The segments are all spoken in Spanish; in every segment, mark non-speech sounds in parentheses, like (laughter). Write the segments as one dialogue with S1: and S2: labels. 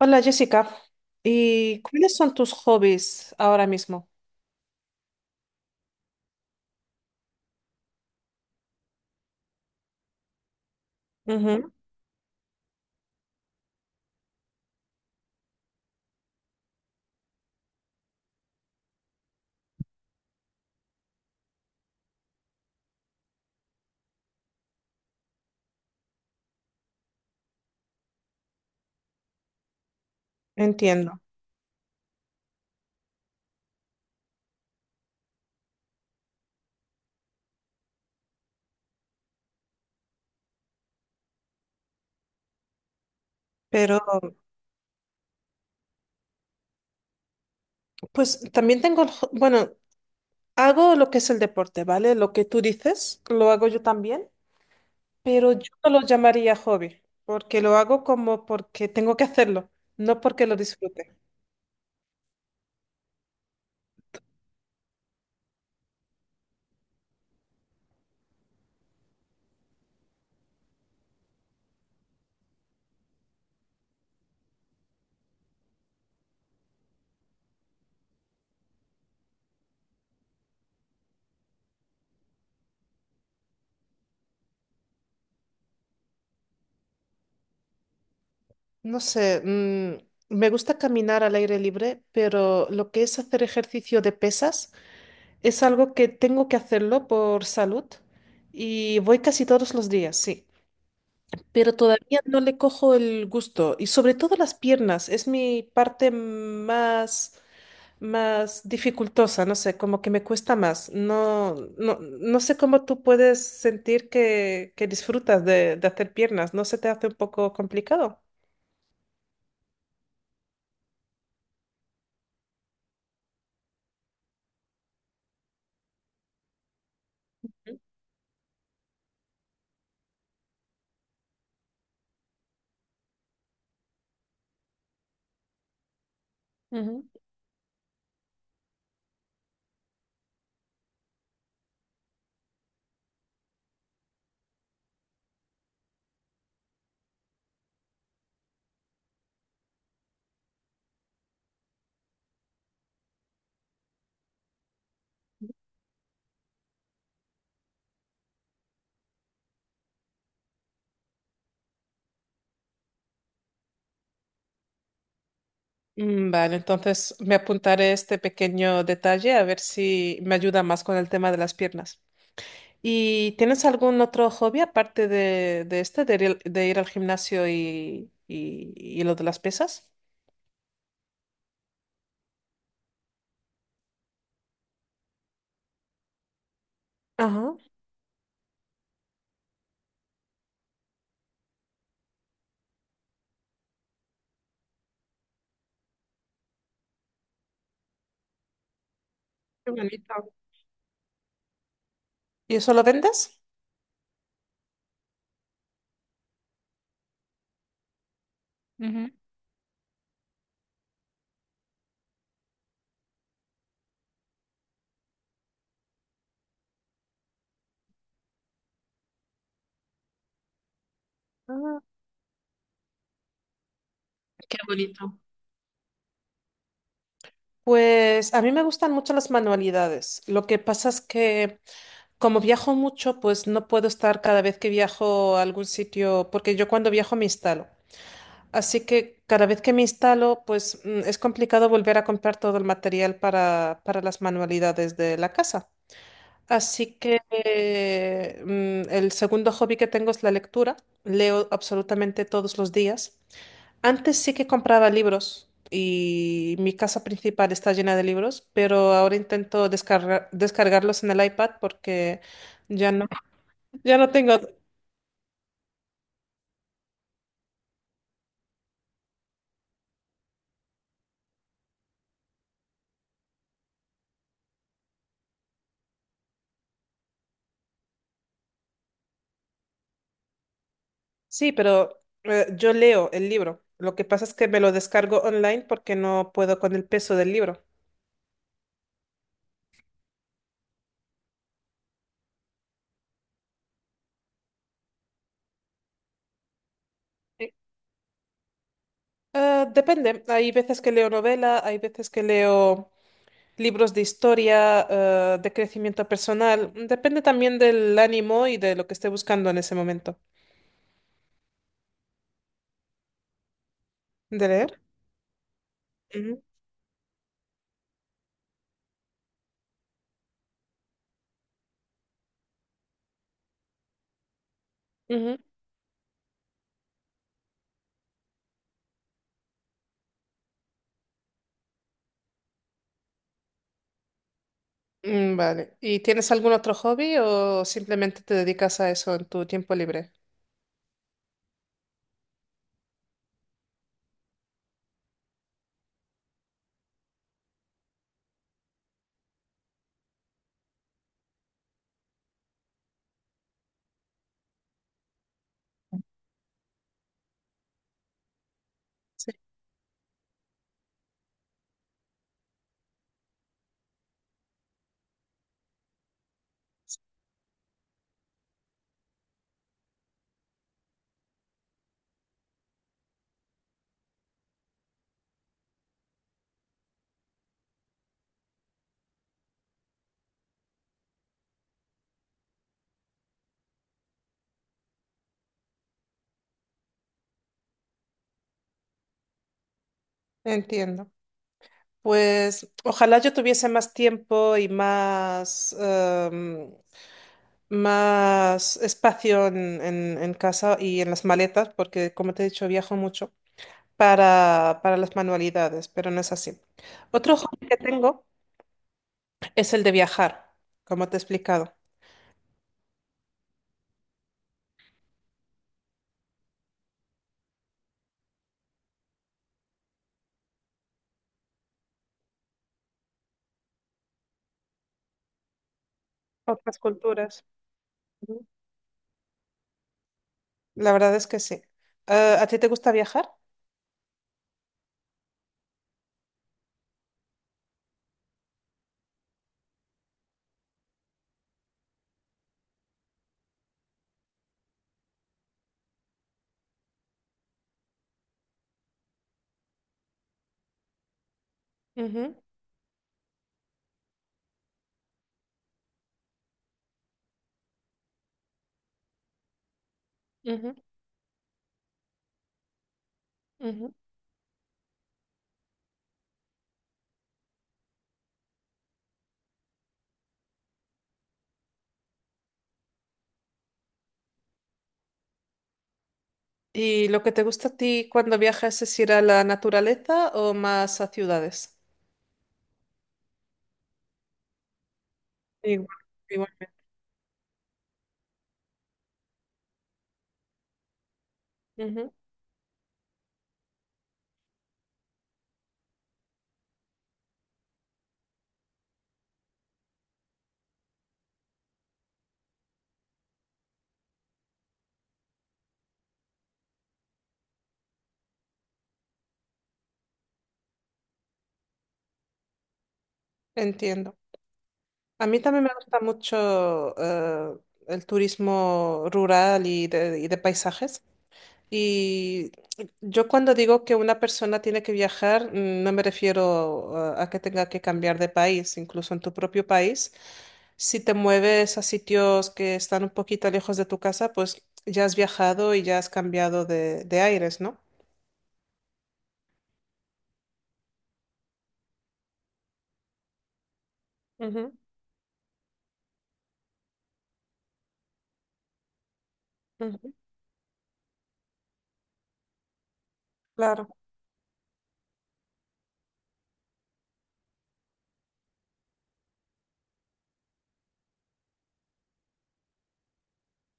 S1: Hola Jessica, ¿y cuáles son tus hobbies ahora mismo? Ujú, entiendo, pero pues también tengo, bueno, hago lo que es el deporte, ¿vale? Lo que tú dices, lo hago yo también, pero yo no lo llamaría hobby, porque lo hago como porque tengo que hacerlo, no porque lo disfrute. No sé, me gusta caminar al aire libre, pero lo que es hacer ejercicio de pesas es algo que tengo que hacerlo por salud y voy casi todos los días, sí, pero todavía no le cojo el gusto. Y sobre todo las piernas, es mi parte más, más dificultosa, no sé, como que me cuesta más. No, no, no sé cómo tú puedes sentir que disfrutas de hacer piernas, ¿no se te hace un poco complicado? Ujú. Vale, entonces me apuntaré este pequeño detalle a ver si me ayuda más con el tema de las piernas. ¿Y tienes algún otro hobby aparte de este, de ir al gimnasio y, y lo de las pesas? Ajá. Qué bonito. ¿Y eso lo vendes? Ujú. Ah. Qué bonito. Pues a mí me gustan mucho las manualidades. Lo que pasa es que como viajo mucho, pues no puedo estar cada vez que viajo a algún sitio, porque yo cuando viajo me instalo. Así que cada vez que me instalo, pues es complicado volver a comprar todo el material para las manualidades de la casa. Así que el segundo hobby que tengo es la lectura. Leo absolutamente todos los días. Antes sí que compraba libros y mi casa principal está llena de libros, pero ahora intento descargarlos en el iPad porque ya no, (laughs) ya no tengo. Sí, pero yo leo el libro. Lo que pasa es que me lo descargo online porque no puedo con el peso del libro. Depende. Hay veces que leo novela, hay veces que leo libros de historia, de crecimiento personal. Depende también del ánimo y de lo que esté buscando en ese momento. ¿De leer? Ujú. Ujú. Vale. ¿Y tienes algún otro hobby o simplemente te dedicas a eso en tu tiempo libre? Sí. Entiendo. Pues ojalá yo tuviese más tiempo y más, más espacio en casa y en las maletas, porque como te he dicho, viajo mucho, para las manualidades, pero no es así. Otro hobby que tengo es el de viajar, como te he explicado. Otras culturas. Ujú. La verdad es que sí. ¿A ti te gusta viajar? Ujú, ujú, ujú. ¿Y lo que te gusta a ti cuando viajas es ir a la naturaleza o más a ciudades? Igual, igualmente. Ujú, entiendo. A mí también me gusta mucho el turismo rural y de paisajes. Y yo cuando digo que una persona tiene que viajar, no me refiero a que tenga que cambiar de país, incluso en tu propio país. Si te mueves a sitios que están un poquito lejos de tu casa, pues ya has viajado y ya has cambiado de aires, ¿no? Ujú, ujú, claro,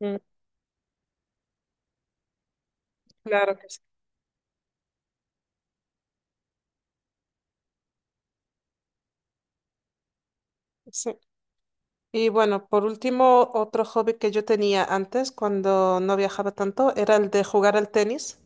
S1: mm, claro que sí. Sí. Y bueno, por último, otro hobby que yo tenía antes cuando no viajaba tanto era el de jugar al tenis,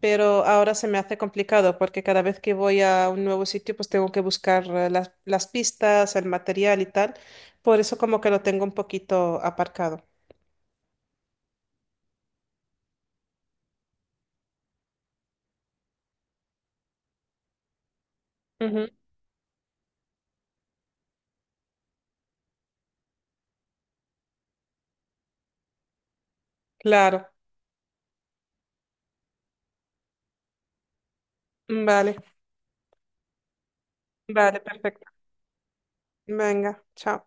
S1: pero ahora se me hace complicado porque cada vez que voy a un nuevo sitio, pues tengo que buscar las pistas, el material y tal. Por eso como que lo tengo un poquito aparcado. Ujú, claro, vale, vale, perfecto. Venga, chao.